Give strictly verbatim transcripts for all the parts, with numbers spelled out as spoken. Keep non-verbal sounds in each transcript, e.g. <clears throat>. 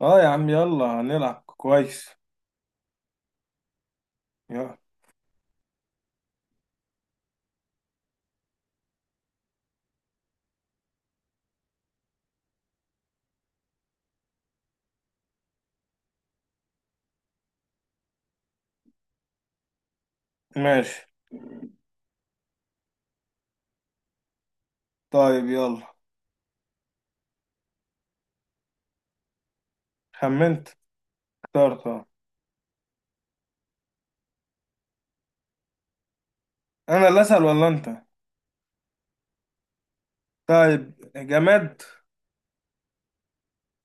اه يا عم، يلا هنلعب كويس. يلا. ماشي. طيب يلا. خمنت. اخترت اه. انا اللي اسأل ولا انت؟ طيب، جماد؟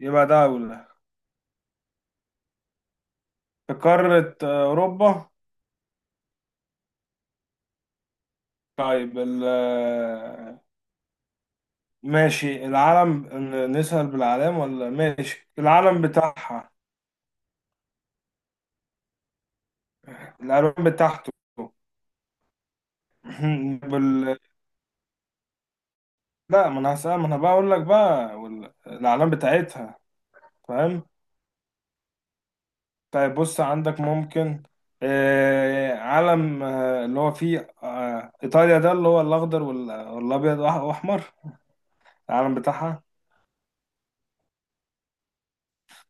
يبقى دولة. في قارة آه، اوروبا. طيب ال آه، ماشي العلم، ن- نسأل بالعلام ولا ماشي العلم بتاعها؟ الالوان بتاعته. <clears throat> <laughs> بال... لا، ما انا هسأل، ما انا بقى اقول لك بقى، وال- الاعلام بتاعتها. فاهم؟ طيب بص، عندك ممكن آه، علم آه، اللي هو فيه آه، إيطاليا، ده اللي هو الأخضر وال- والأبيض وأح- وأحمر؟ العلم بتاعها.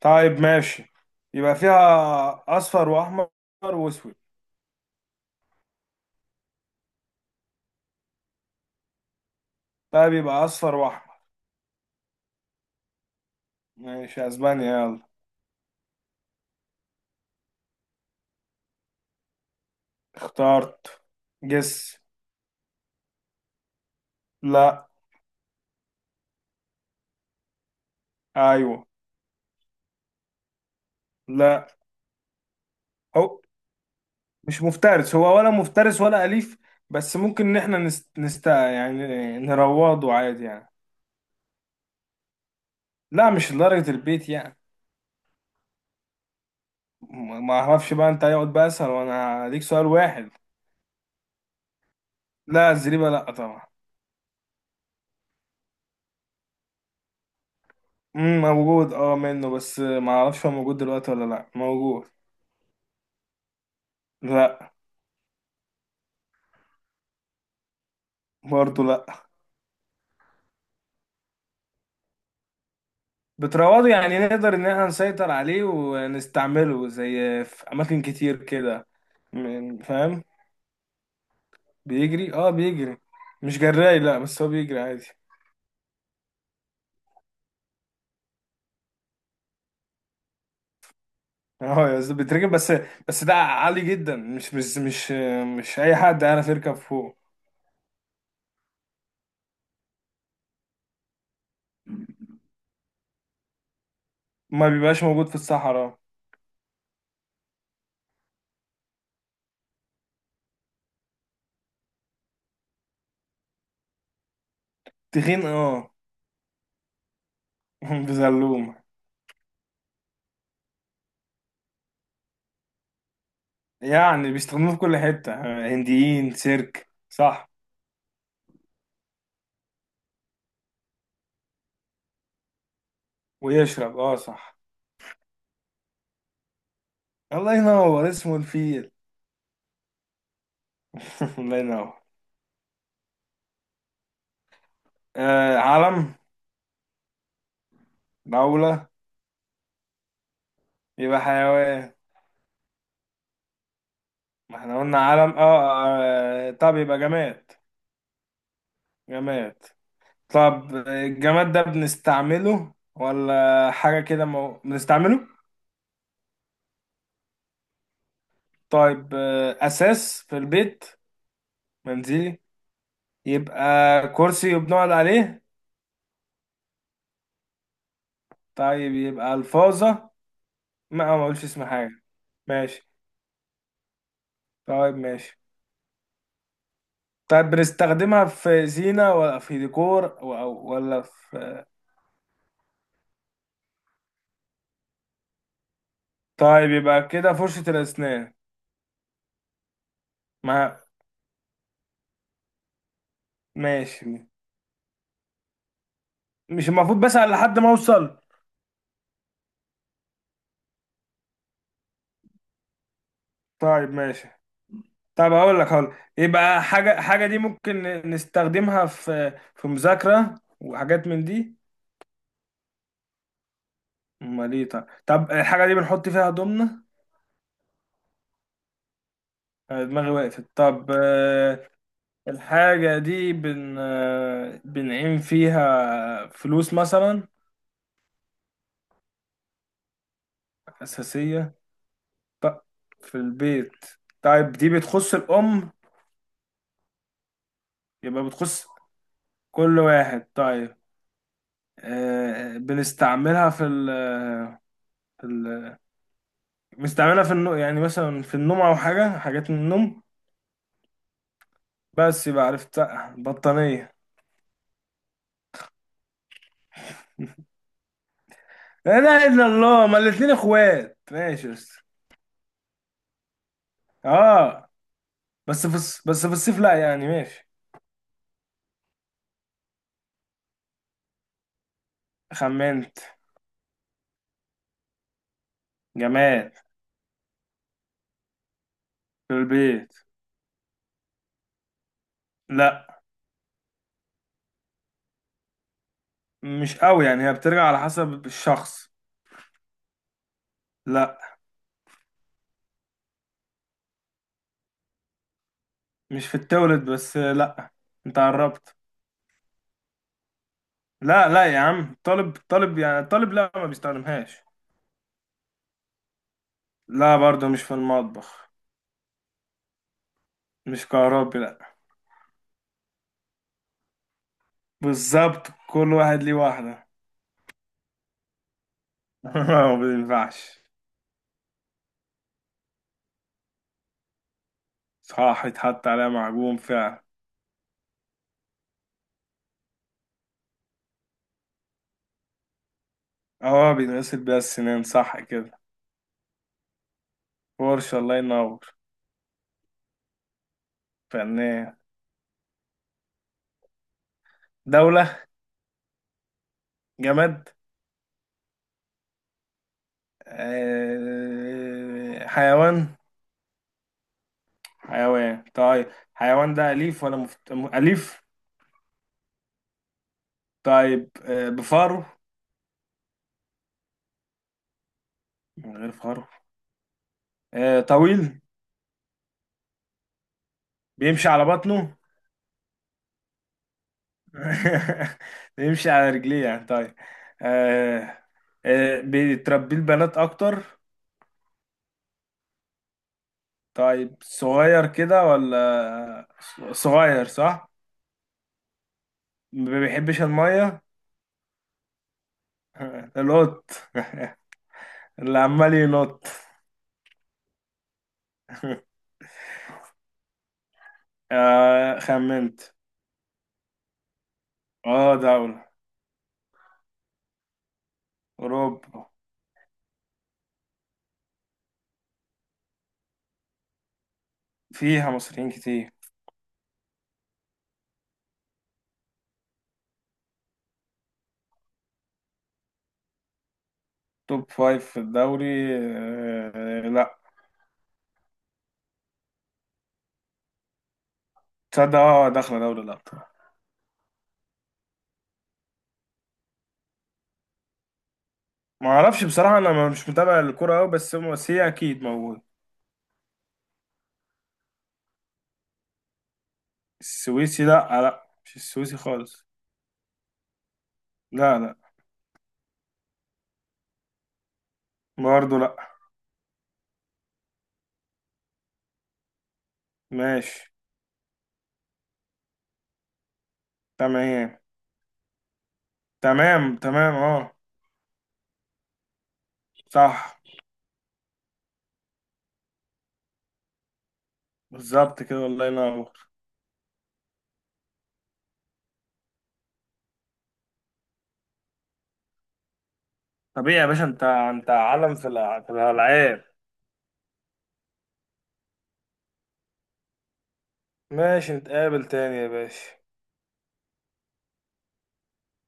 طيب ماشي، يبقى فيها أصفر وأحمر وأسود. طيب يبقى أصفر وأحمر. ماشي، أسبانيا يلا. اخترت. جس. لا. أيوه. لا، هو مش مفترس، هو ولا مفترس ولا أليف، بس ممكن إن إحنا نست... نست... يعني نروضه عادي يعني. لا مش لدرجة البيت يعني. ما ما اعرفش بقى، انت هيقعد بقى اسهل، وانا ليك سؤال واحد. لا الزريبه لا طبعا. امم، موجود اه منه، بس ما اعرفش هو موجود دلوقتي ولا لا موجود. لا. برضه لا. بتروضه، يعني نقدر ان احنا نسيطر عليه ونستعمله زي، في اماكن كتير كده. من- فاهم. بيجري، اه بيجري. مش جراي لا، بس هو بيجري عادي. اه يا أستاذ بيتركب، بس بس ده عالي جدا، مش مش مش مش اي حد يعرف يركب فوق. ما بيبقاش موجود في الصحراء. تخين اه. <laughs> بزلومة. يعني بيستخدموه في كل حتة. هنديين، سيرك، صح. ويشرب، اه صح. الله ينور، اسمه الفيل. <laughs> الله ينور. آه علم. دولة. يبقى حيوان. ما احنا قلنا علم اه، آه آه، طب يبقى جماد. جماد. طب الجماد ده بنستعمله ولا حاجة كده، مو... بنستعمله. طيب، آه أساس في البيت. منزلي. يبقى كرسي وبنقعد عليه. طيب يبقى الفاظة. ما ما اقولش اسم حاجه. ماشي. طيب ماشي. طيب بنستخدمها في زينه ولا في ديكور و- أو ولا في؟ طيب يبقى كده فرشه الاسنان. ما ماشي. مش المفروض بسأل لحد ما اوصل؟ طيب ماشي. طيب اقول لك، هقول لك. يبقى حاجه، حاجه دي ممكن نستخدمها في في مذاكره وحاجات من دي. امال ايه؟ طيب، طب الحاجه دي بنحط فيها هدومنا. أنا دماغي وقفت. طب آه، الحاجة دي بن بنعين فيها فلوس مثلا. أساسية. طب في البيت. طيب دي بتخص الأم. يبقى بتخص كل واحد. طيب، آه، بنستعملها في ال في ال بنستعملها في النوم، يعني مثلا في النوم أو حاجة، حاجات من النوم. بس يبقى عرفت، آه، بطانية. لا إله إلا الله، ما الاتنين إخوات، ماشي بس، آه بس في الص- بس في الصيف لا، يعني ماشي. خمنت. جماد. في البيت. لا مش قوي يعني، هي بترجع على حسب الشخص. لا. مش في التولد بس لا، انت قربت. لا لا يا عم، طالب طالب يعني، طالب لا ما بيستخدمهاش. لا برضه مش في المطبخ. مش كهربي لا. بالظبط، كل واحد ليه واحدة. <laughs> ما بينفعش. صح، يتحط عليها معجون فعلا. اه بيتغسل بيها السنان صح كده. فرشة، الله ينور. فنان. دولة. جماد. آه، حيوان. حيوان. طيب حيوان ده أليف ولا مفت... م- أليف؟ طيب، آه، بفاره؟ من غير فاره. آه، طويل؟ بيمشي على بطنه؟ <laughs> بيمشي على رجليه يعني طيب. آه، آه، بيتربيه البنات أكتر. طيب صغير كده ولا؟ صغير صح؟ ما بيحبش المية. <laughs> القط. <laughs> اللي عمال ينط. <laughs> آه، خمنت. اه دولة. أوروبا. فيها مصريين كتير. توب فايف في الدوري آه، لا. تصدق اه، آه، داخله دوري الابطال. ما اعرفش بصراحه، انا ما- مش متابع الكوره قوي، بس هم- بس هي اكيد موجود. السويسي لا، آه، لا مش السويسي خالص. لا لا. برضه لا. ماشي. تمام. تمام تمام اه. صح. بالظبط كده، الله ينور. طبيعي يا باشا، انت انت عالم في الع- في الالعاب. ماشي نتقابل تاني يا باشا.